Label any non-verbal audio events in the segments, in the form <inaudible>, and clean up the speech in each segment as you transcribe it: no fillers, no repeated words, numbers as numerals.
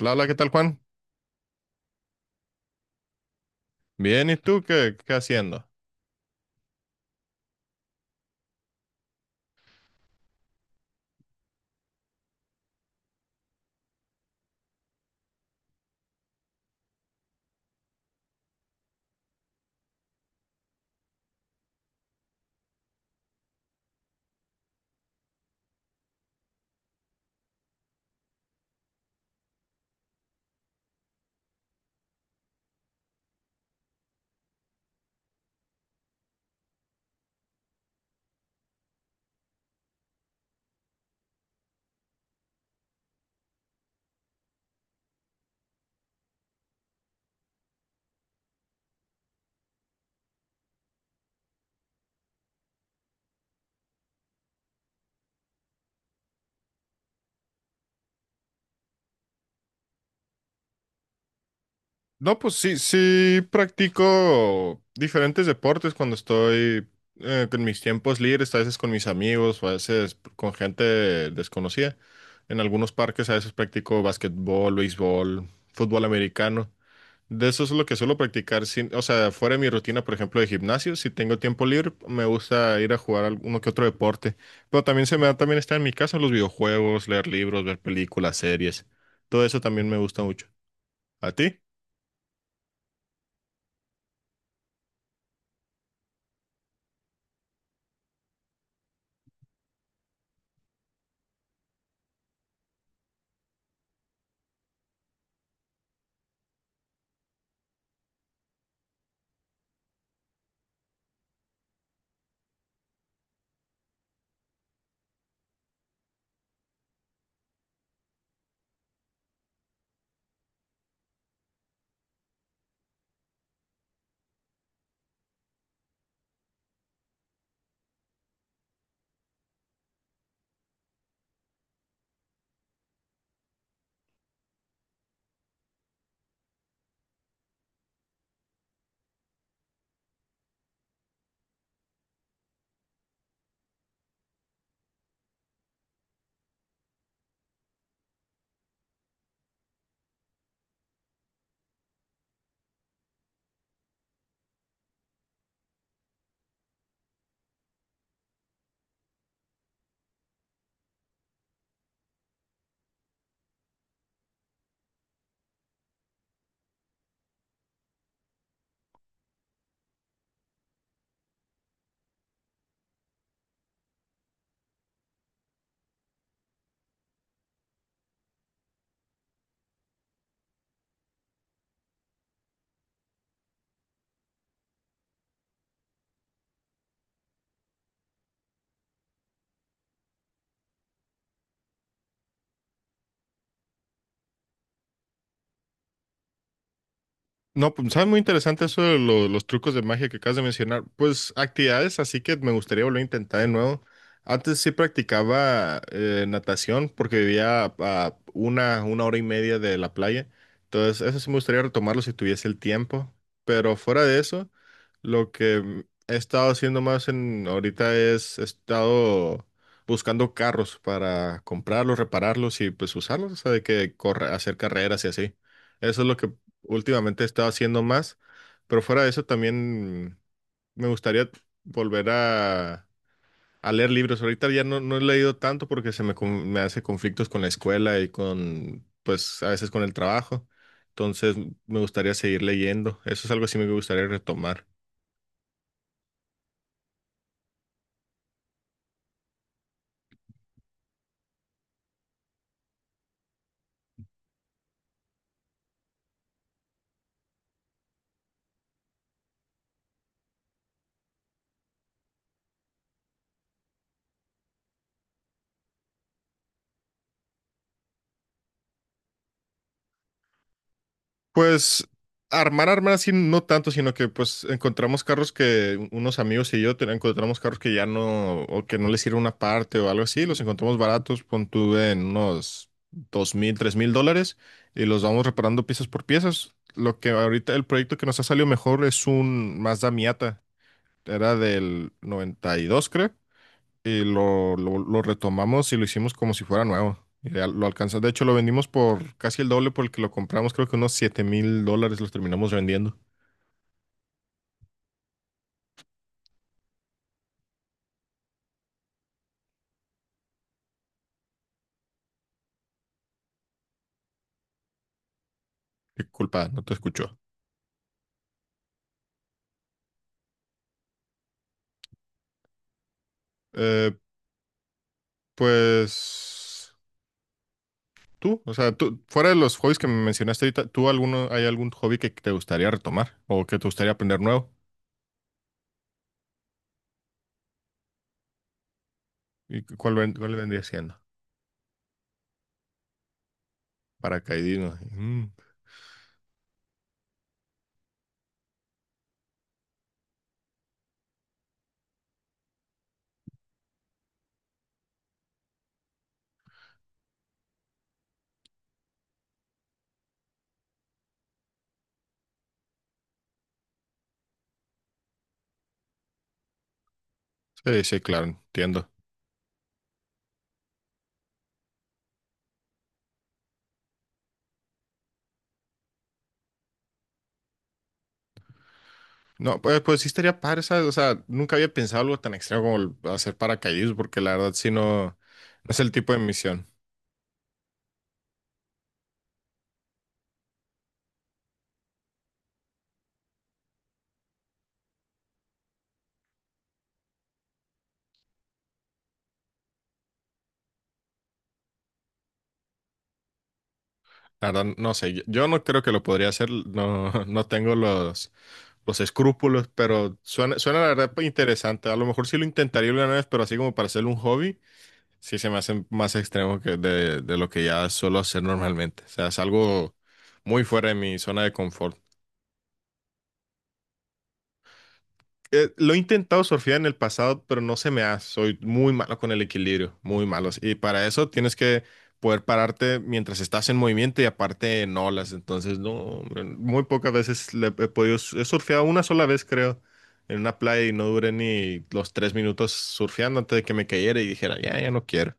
Hola, ¿qué tal, Juan? Bien, ¿y tú qué haciendo? No, pues sí, sí practico diferentes deportes cuando estoy con mis tiempos libres, a veces con mis amigos, o a veces con gente desconocida. En algunos parques a veces practico básquetbol, béisbol, fútbol americano. De eso es lo que suelo practicar, o sea, fuera de mi rutina, por ejemplo, de gimnasio, si tengo tiempo libre, me gusta ir a jugar alguno que otro deporte, pero también se me da también estar en mi casa, los videojuegos, leer libros, ver películas, series, todo eso también me gusta mucho. ¿A ti? No, pues sabes muy interesante eso de los trucos de magia que acabas de mencionar. Pues actividades, así que me gustaría volver a intentar de nuevo. Antes sí practicaba natación porque vivía a una hora y media de la playa. Entonces, eso sí me gustaría retomarlo si tuviese el tiempo. Pero fuera de eso, lo que he estado haciendo más en ahorita es he estado buscando carros para comprarlos, repararlos y pues usarlos, o sea, de que corre, hacer carreras y así. Eso es lo que últimamente he estado haciendo más, pero fuera de eso también me gustaría volver a leer libros. Ahorita ya no, no he leído tanto porque se me, con- me hace conflictos con la escuela y con, pues a veces con el trabajo. Entonces me gustaría seguir leyendo. Eso es algo así me gustaría retomar. Pues armar, armar así no tanto, sino que pues encontramos carros que unos amigos y yo encontramos carros que ya no, o que no les sirve una parte o algo así, los encontramos baratos, pon tú en unos 2.000, 3.000 dólares y los vamos reparando piezas por piezas. Lo que ahorita el proyecto que nos ha salido mejor es un Mazda Miata, era del 92, creo, y lo retomamos y lo hicimos como si fuera nuevo. Y ya lo alcanzamos. De hecho, lo vendimos por casi el doble por el que lo compramos. Creo que unos 7.000 dólares los terminamos vendiendo. Qué culpa, no te escuchó. Eh, pues tú, o sea, tú, fuera de los hobbies que me mencionaste ahorita, ¿tú alguno, hay algún hobby que te gustaría retomar o que te gustaría aprender nuevo? ¿Y cuál, cuál vendría siendo? Paracaidismo. Mm. Sí, sí, claro, entiendo. No, pues, pues sí estaría padre, ¿sabes? O sea, nunca había pensado algo tan extremo como el hacer paracaidismo, porque la verdad sí no, no es el tipo de misión. La verdad, no sé, yo no creo que lo podría hacer, no, <laughs> no tengo los escrúpulos, pero suena, suena la verdad interesante. A lo mejor sí lo intentaría una vez, pero así como para hacer un hobby, sí se me hace más extremo que de lo que ya suelo hacer normalmente. O sea, es algo muy fuera de mi zona de confort. Lo he intentado surfear en el pasado, pero no se me da. Soy muy malo con el equilibrio, muy malos. Y para eso tienes que poder pararte mientras estás en movimiento y aparte en olas. Entonces, no, hombre, muy pocas veces le he podido. He surfeado una sola vez, creo, en una playa y no duré ni los 3 minutos surfeando antes de que me cayera y dijera, ya, ya no quiero.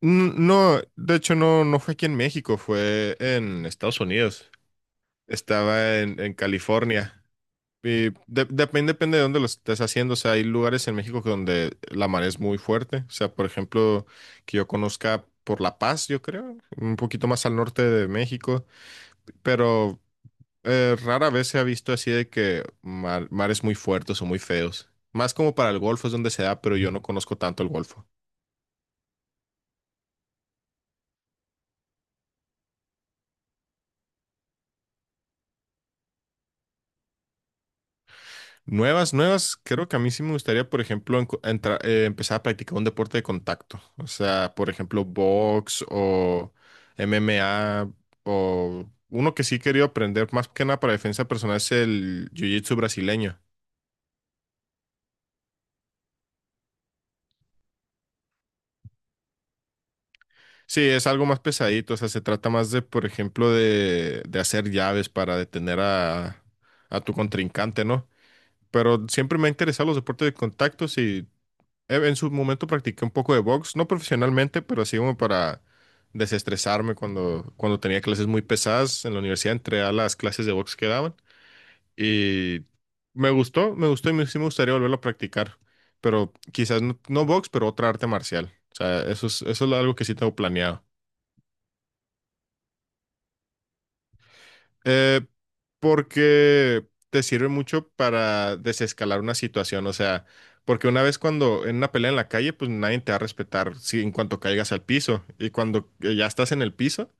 N- No, de hecho, no, no fue aquí en México, fue en Estados Unidos. Estaba en California. Depende, depende de dónde lo estés haciendo. O sea, hay lugares en México que donde la mar es muy fuerte. O sea, por ejemplo, que yo conozca por La Paz, yo creo, un poquito más al norte de México. Pero rara vez se ha visto así de que mares muy fuertes o muy feos. Más como para el Golfo es donde se da, pero yo no conozco tanto el Golfo. Nuevas, nuevas, creo que a mí sí me gustaría, por ejemplo, empezar a practicar un deporte de contacto. O sea, por ejemplo, box o MMA o uno que sí he querido aprender más que nada para defensa personal es el jiu-jitsu brasileño. Sí, es algo más pesadito, o sea, se trata más de, por ejemplo, de hacer llaves para detener a tu contrincante, ¿no? Pero siempre me han interesado los deportes de contacto, sí. En su momento practiqué un poco de box, no profesionalmente, pero sí como para desestresarme cuando tenía clases muy pesadas en la universidad, entré a las clases de box que daban y me gustó y me- sí me gustaría volverlo a practicar, pero quizás no, no box, pero otra arte marcial. O sea, eso es algo que sí tengo planeado. Eh, Porque te sirve mucho para desescalar una situación, o sea, porque una vez cuando en una pelea en la calle, pues nadie te va a respetar si en cuanto caigas al piso y cuando ya estás en el piso,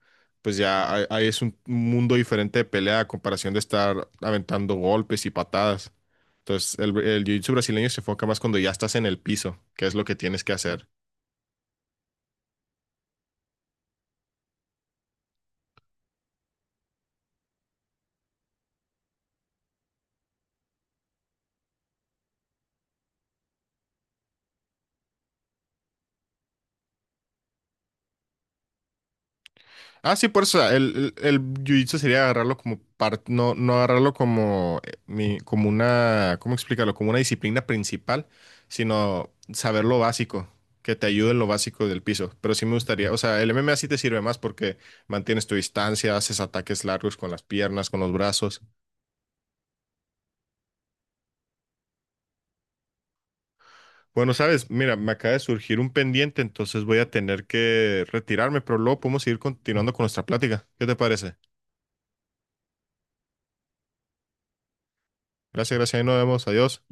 pues ya ahí es un mundo diferente de pelea a comparación de estar aventando golpes y patadas. Entonces, el jiu-jitsu brasileño se enfoca más cuando ya estás en el piso, que es lo que tienes que hacer. Ah, sí, por eso el jiu-jitsu sería agarrarlo como parte, no, no agarrarlo como, como una, ¿cómo explicarlo? Como una disciplina principal, sino saber lo básico, que te ayude en lo básico del piso. Pero sí me gustaría, o sea, el MMA sí te sirve más porque mantienes tu distancia, haces ataques largos con las piernas, con los brazos. Bueno, sabes, mira, me acaba de surgir un pendiente, entonces voy a tener que retirarme, pero luego podemos seguir continuando con nuestra plática. ¿Qué te parece? Gracias, gracias, ahí nos vemos, adiós.